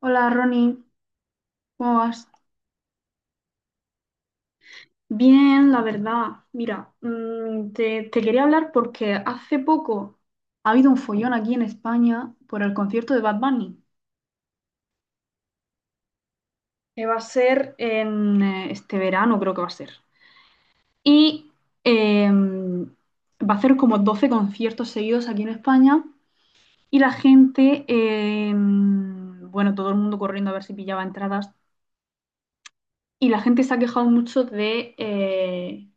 Hola Ronnie, ¿cómo vas? Bien, la verdad. Mira, te quería hablar porque hace poco ha habido un follón aquí en España por el concierto de Bad Bunny, que va a ser en este verano, creo que va a ser. Y em, va a hacer como 12 conciertos seguidos aquí en España y la gente, bueno, todo el mundo corriendo a ver si pillaba entradas, y la gente se ha quejado mucho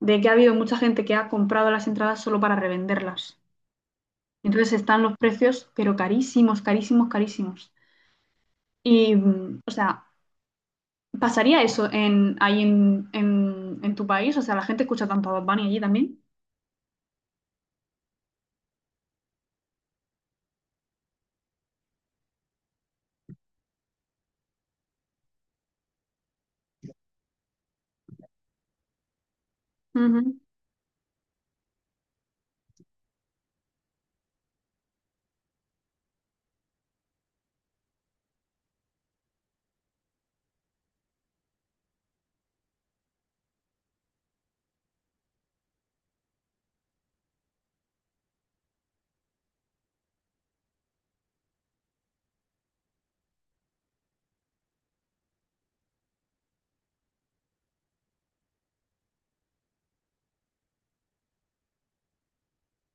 de que ha habido mucha gente que ha comprado las entradas solo para revenderlas. Entonces están los precios, pero carísimos, carísimos, carísimos. Y, o sea, ¿pasaría eso ahí en tu país? O sea, ¿la gente escucha tanto a Bad Bunny allí también? Ujú,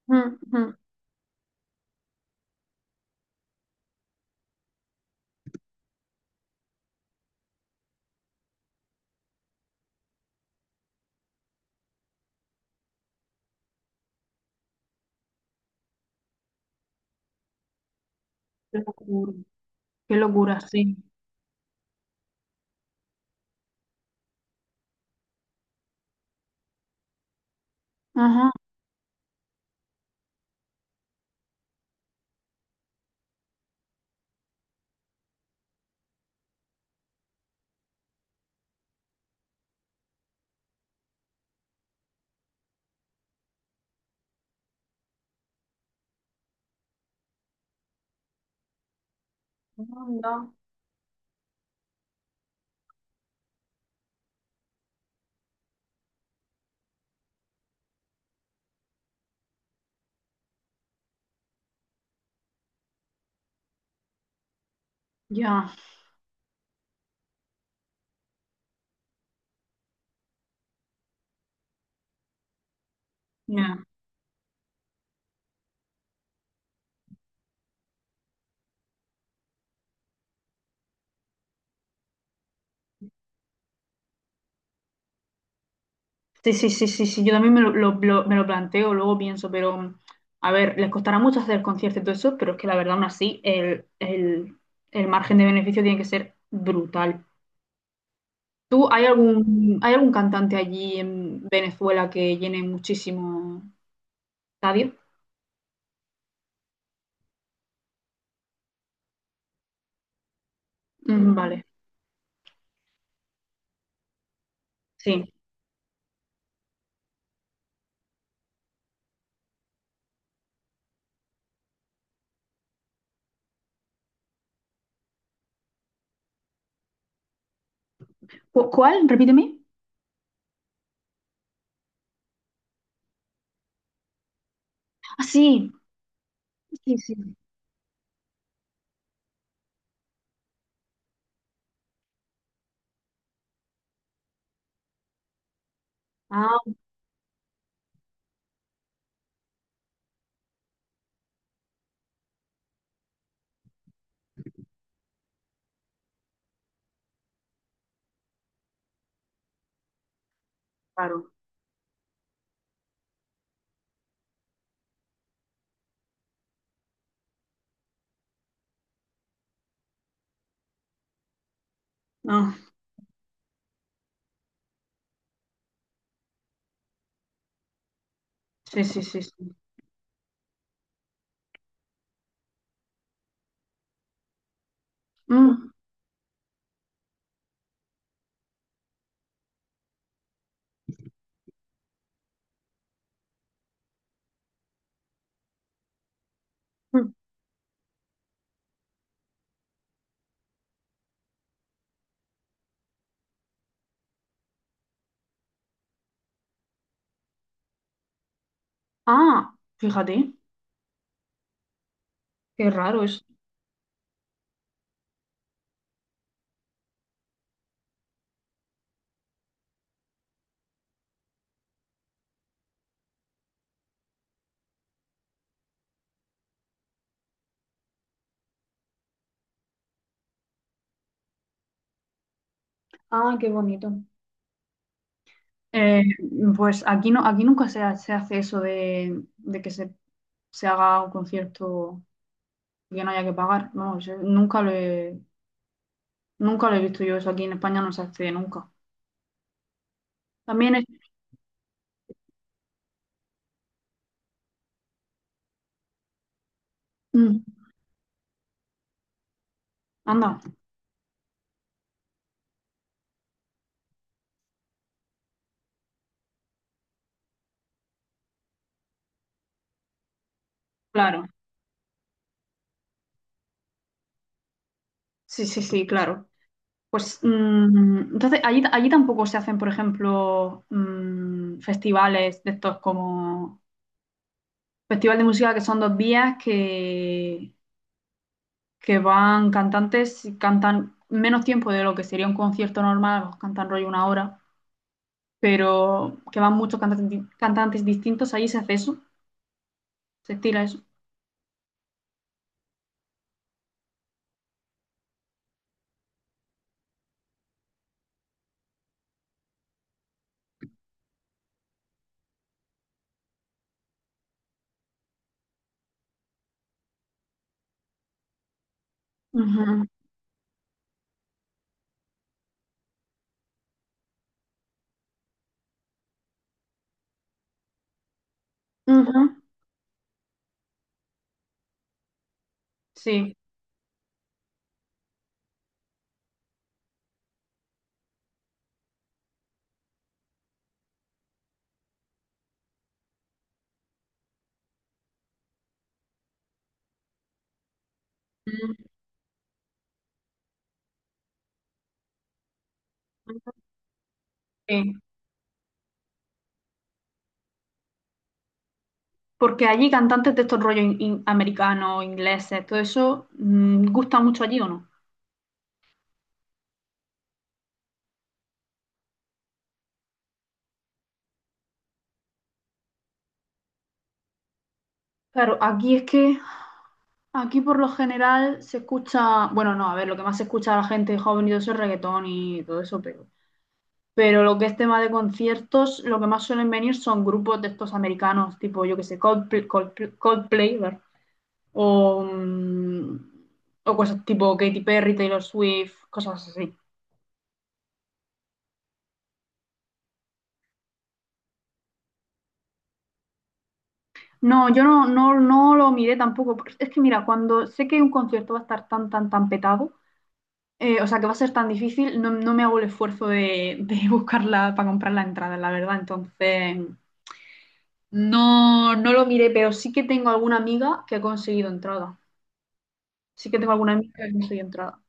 ujú, ujú. Qué locura, qué locura, sí. Ajá. No, no. Ya, ya. Sí, sí, sí, sí, sí, yo también me lo planteo, luego pienso, pero a ver, les costará mucho hacer el concierto y todo eso, pero es que la verdad, aún así, el margen de beneficio tiene que ser brutal. ¿Hay algún cantante allí en Venezuela que llene muchísimo estadio? Mm, vale, sí. ¿Cuál? Repíteme. Ah, sí, sí, sí. Ah, claro. Ah, sí, sí, sí, sí. Mm, mm. Ah, fíjate, qué raro es. Ah, qué bonito. Eh, pues aquí no, aquí nunca se hace eso de, que se haga un concierto y que no haya que pagar. No, yo nunca lo he visto, yo eso aquí en España no se hace nunca. También es, mm, anda, claro, sí, sí, sí, claro. Pues entonces allí tampoco se hacen, por ejemplo, festivales de estos como festival de música que son 2 días, que van cantantes y cantan menos tiempo de lo que sería un concierto normal, los cantan rollo una hora, pero que van muchos cantantes, cantantes distintos. Allí se hace eso, se estila eso. Ujú, ujú, sí. Ujú, sí. Porque allí cantantes de estos rollos americanos, ingleses, todo eso, ¿gusta mucho allí o no? Claro, aquí es que, aquí por lo general se escucha, bueno, no, a ver, lo que más se escucha a la gente joven y todo eso es reggaetón y todo eso, pero lo que es tema de conciertos, lo que más suelen venir son grupos de estos americanos, tipo, yo que sé, Coldplay, Coldplay, Coldplay, ¿verdad? o, mm, o cosas tipo Katy Perry, Taylor Swift, cosas así. No, yo no, no, no lo miré tampoco. Porque es que mira, cuando sé que un concierto va a estar tan, tan, tan petado, o sea, que va a ser tan difícil, no me hago el esfuerzo de, buscarla para comprar la entrada, la verdad. Entonces, no, no lo miré, pero sí que tengo alguna amiga que ha conseguido entrada. Sí que tengo alguna amiga que no estoy entrada.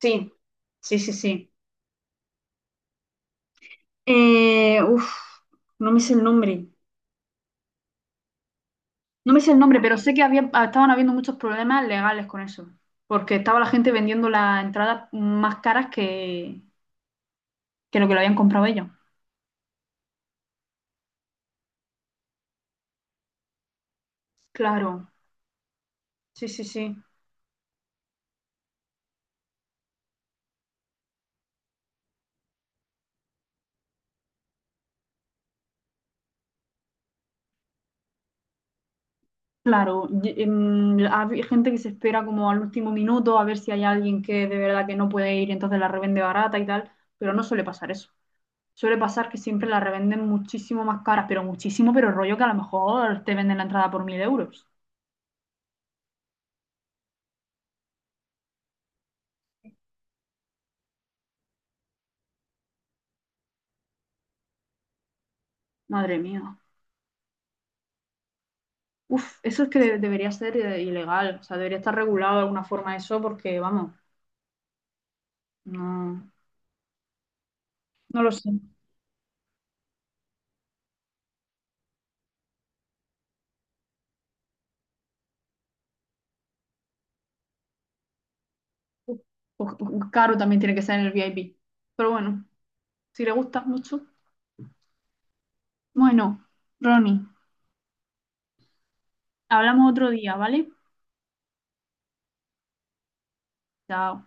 Sí, sí, sí, sí. Uf, no me sé el nombre. No me sé el nombre, pero sé que estaban habiendo muchos problemas legales con eso. Porque estaba la gente vendiendo las entradas más caras que lo que lo habían comprado ellos. Claro, sí, sí, sí. Claro, hay gente que se espera como al último minuto a ver si hay alguien que de verdad que no puede ir, entonces la revende barata y tal, pero no suele pasar eso. Suele pasar que siempre la revenden muchísimo más caras, pero muchísimo, pero rollo que a lo mejor te venden la entrada por 1000 euros. Madre mía. Uf, eso es que debería ser ilegal. O sea, debería estar regulado de alguna forma eso porque, vamos, no, no lo sé. Uf, caro también tiene que ser en el VIP. Pero bueno, si le gusta mucho. Bueno, Ronnie, hablamos otro día, ¿vale? Chao.